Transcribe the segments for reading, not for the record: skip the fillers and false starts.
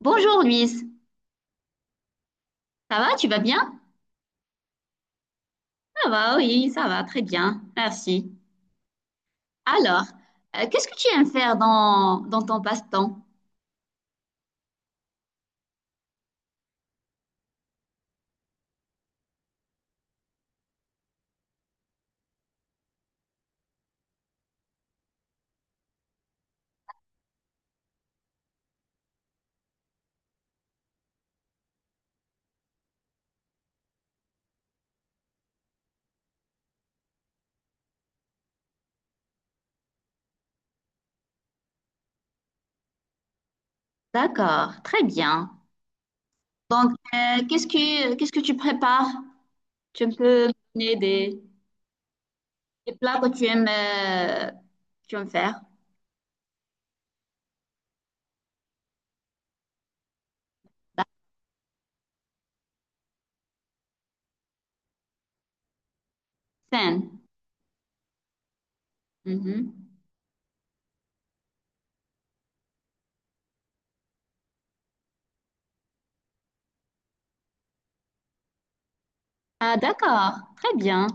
Bonjour Louise, ça va, tu vas bien? Ça va, oui, ça va, très bien, merci. Alors, qu'est-ce que tu aimes faire dans, ton passe-temps? D'accord, très bien. Donc, qu'est-ce que tu prépares? Tu peux me donner des plats que tu aimes faire? Scène. Mhm. Ah, d'accord, très bien.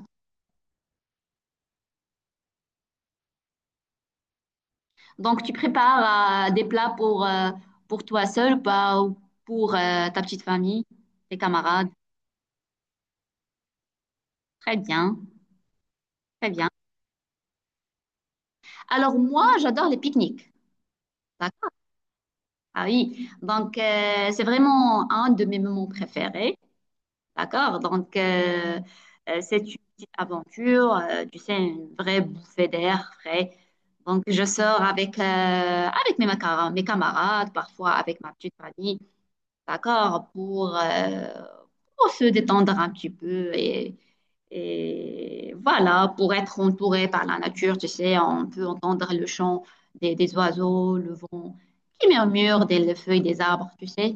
Donc, tu prépares des plats pour toi seul ou pas, ou pour ta petite famille, tes camarades? Très bien, très bien. Alors moi, j'adore les pique-niques. D'accord? Ah oui. Donc, c'est vraiment un de mes moments préférés. D'accord? Donc, c'est une petite aventure, tu sais, une vraie bouffée d'air frais. Donc, je sors avec, avec mes, mes camarades, parfois avec ma petite famille. D'accord? Pour se détendre un petit peu et voilà, pour être entouré par la nature, tu sais, on peut entendre le chant des oiseaux, le vent qui murmure des les feuilles des arbres, tu sais.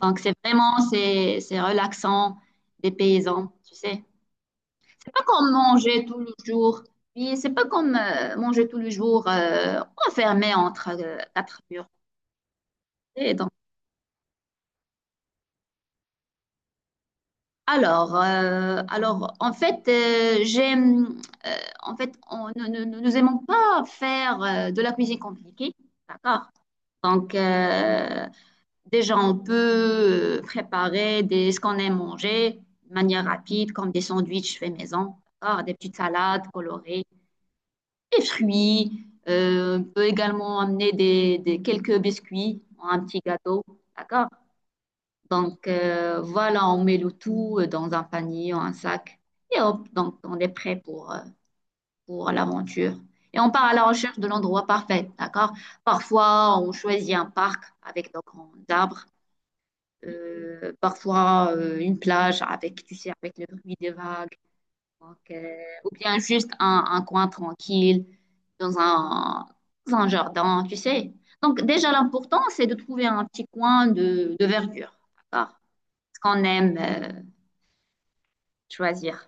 Donc c'est vraiment, c'est relaxant des paysans, tu sais. C'est pas comme manger tout le jour, puis c'est pas comme manger tout le jour enfermé entre quatre murs. Et donc, alors, alors, en fait, j'aime, euh, en fait, on, nous, nous, nous aimons pas faire de la cuisine compliquée, d'accord? Donc, déjà, on peut préparer des, ce qu'on aime manger de manière rapide, comme des sandwichs faits maison, d'accord? Des petites salades colorées, des fruits. On peut également amener des, quelques biscuits, un petit gâteau, d'accord? Donc voilà, on met le tout dans un panier ou un sac et hop, donc on est prêt pour l'aventure. Et on part à la recherche de l'endroit parfait, d'accord? Parfois, on choisit un parc avec de grands arbres, parfois une plage avec, tu sais, avec le bruit des vagues, donc, ou bien juste un coin tranquille dans un, dans un jardin, tu sais. Donc déjà, l'important, c'est de trouver un petit coin de verdure, d'accord? Ce qu'on aime choisir.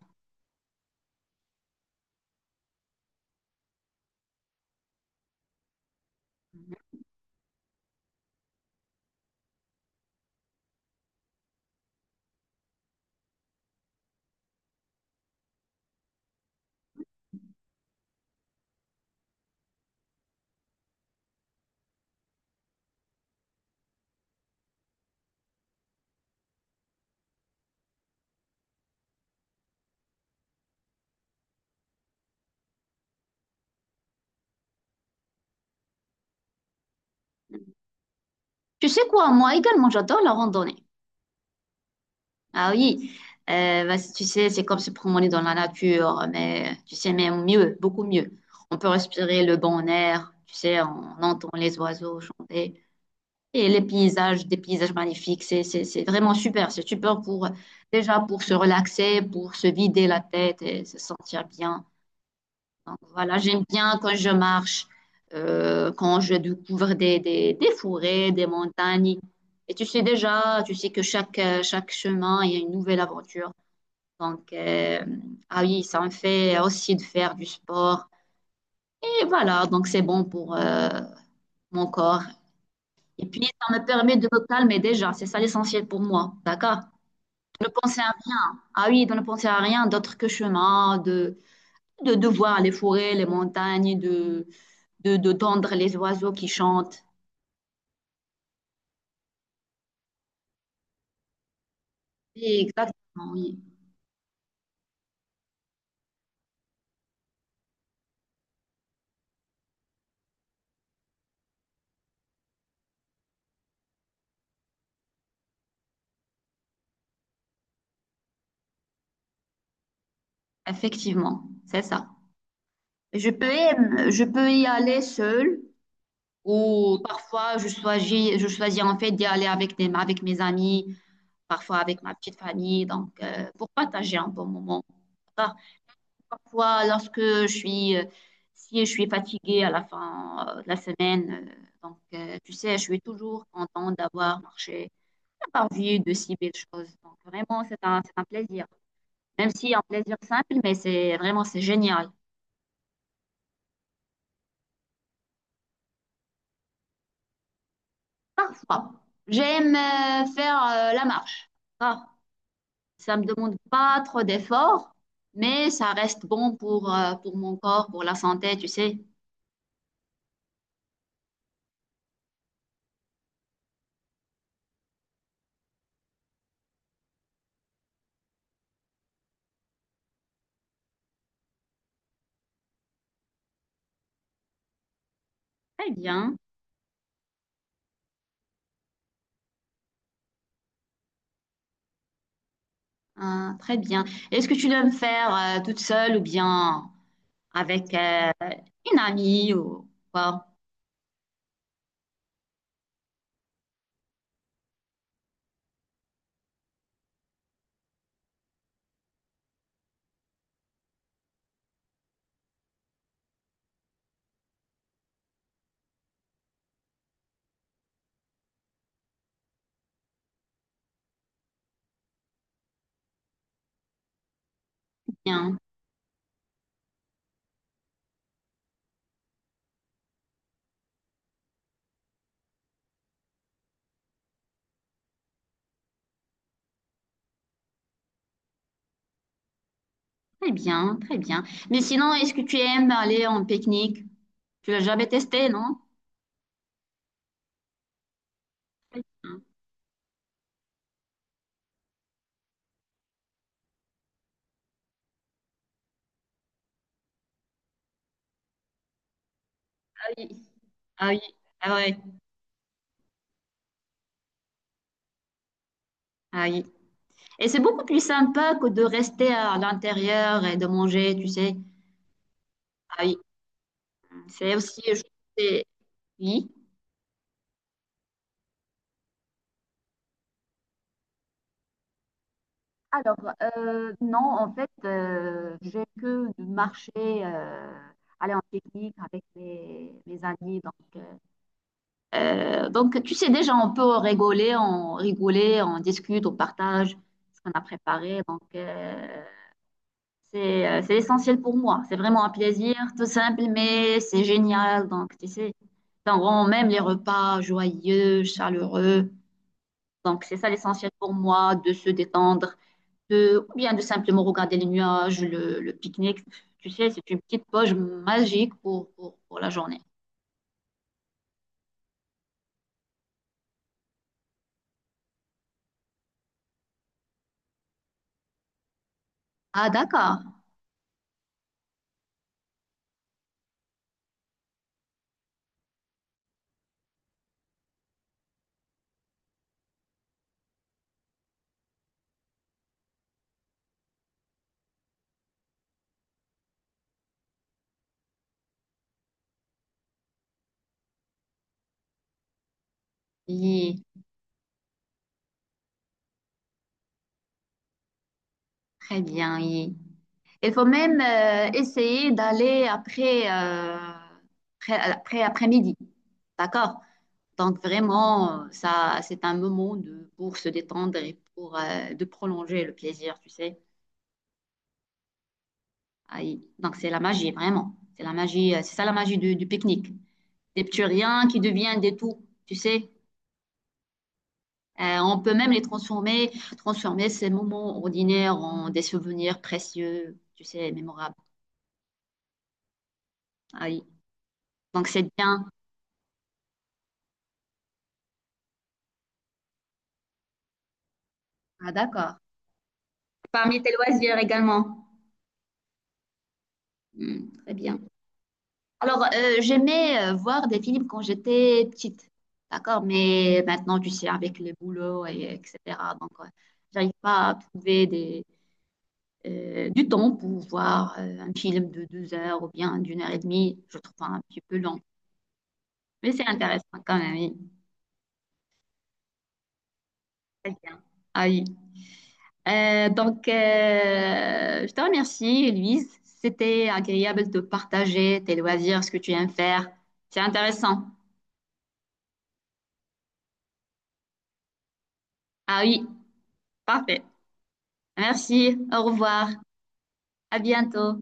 Tu sais quoi, moi également, j'adore la randonnée. Ah oui, bah, tu sais, c'est comme se promener dans la nature, mais tu sais, mais mieux, beaucoup mieux. On peut respirer le bon air, tu sais, on entend les oiseaux chanter. Et les paysages, des paysages magnifiques, c'est vraiment super. C'est super pour, déjà pour se relaxer, pour se vider la tête et se sentir bien. Donc voilà, j'aime bien quand je marche, quand je découvre des forêts, des montagnes. Et tu sais déjà, tu sais que chaque, chaque chemin, il y a une nouvelle aventure. Donc, ah oui, ça me fait aussi de faire du sport. Et voilà, donc c'est bon pour mon corps. Et puis, ça me permet de me calmer déjà. C'est ça l'essentiel pour moi. D'accord? De ne penser à, ah oui, de ne penser à rien d'autre que chemin, de voir les forêts, les montagnes, de d'entendre les oiseaux qui chantent. Oui, exactement, oui, effectivement, c'est ça. Je peux, je peux y aller seule ou parfois je choisis en fait d'y aller avec des, avec mes amis, parfois avec ma petite famille, donc pour partager un bon moment. Par- Parfois, lorsque je suis, si je suis fatiguée à la fin de la semaine, donc tu sais, je suis toujours contente d'avoir marché, d'avoir vu de si belles choses. Donc vraiment, c'est un plaisir. Même si en plaisir simple, mais c'est vraiment c'est génial. Parfois, j'aime faire la marche. Ça ça me demande pas trop d'efforts, mais ça reste bon pour mon corps, pour la santé, tu sais. Très bien, hein, très bien. Est-ce que tu dois me faire toute seule ou bien avec une amie ou quoi? Bien, très bien, très bien. Mais sinon, est-ce que tu aimes aller en pique-nique? Tu l'as jamais testé, non? Ah oui, ah oui, ah ouais, ah oui. Et c'est beaucoup plus sympa que de rester à l'intérieur et de manger, tu sais. Ah oui, c'est aussi, je sais- oui. Alors, non, en fait, j'ai que marché, aller en pique-nique avec mes, mes amis. Donc, tu sais, déjà, on peut rigoler, on rigoler, on discute, on partage ce qu'on a préparé. Donc, c'est c'est essentiel pour moi. C'est vraiment un plaisir, tout simple, mais c'est génial. Donc, tu sais, ça rend même les repas joyeux, chaleureux. Donc, c'est ça l'essentiel pour moi, de se détendre, de, ou bien de simplement regarder les nuages, le pique-nique. Tu sais, c'est une petite poche magique pour la journée. Ah, d'accord. Oui, très bien, oui. Il faut même essayer d'aller après, après, après-midi. D'accord? Donc vraiment, ça, c'est un moment de, pour se détendre et pour de prolonger le plaisir, tu sais. Ah, donc c'est la magie, vraiment. C'est la magie, c'est ça la magie du pique-nique. Des petits riens qui deviennent des tout, tu sais. On peut même les transformer, transformer ces moments ordinaires en des souvenirs précieux, tu sais, mémorables. Ah oui. Donc c'est bien. Ah d'accord. Parmi tes loisirs également. Hmm, très bien. Alors, j'aimais voir des films quand j'étais petite, d'accord? Mais maintenant, tu sais, avec le boulot, et, etc. Donc, j'arrive pas à trouver des, du temps pour voir un film de 2 heures ou bien d'1 heure et demie. Je trouve ça un petit peu long. Mais c'est intéressant quand même, oui. Très bien. Ah oui. Donc, je te remercie, Louise. C'était agréable de partager tes loisirs, ce que tu aimes faire. C'est intéressant. Ah oui, parfait. Merci, au revoir. À bientôt.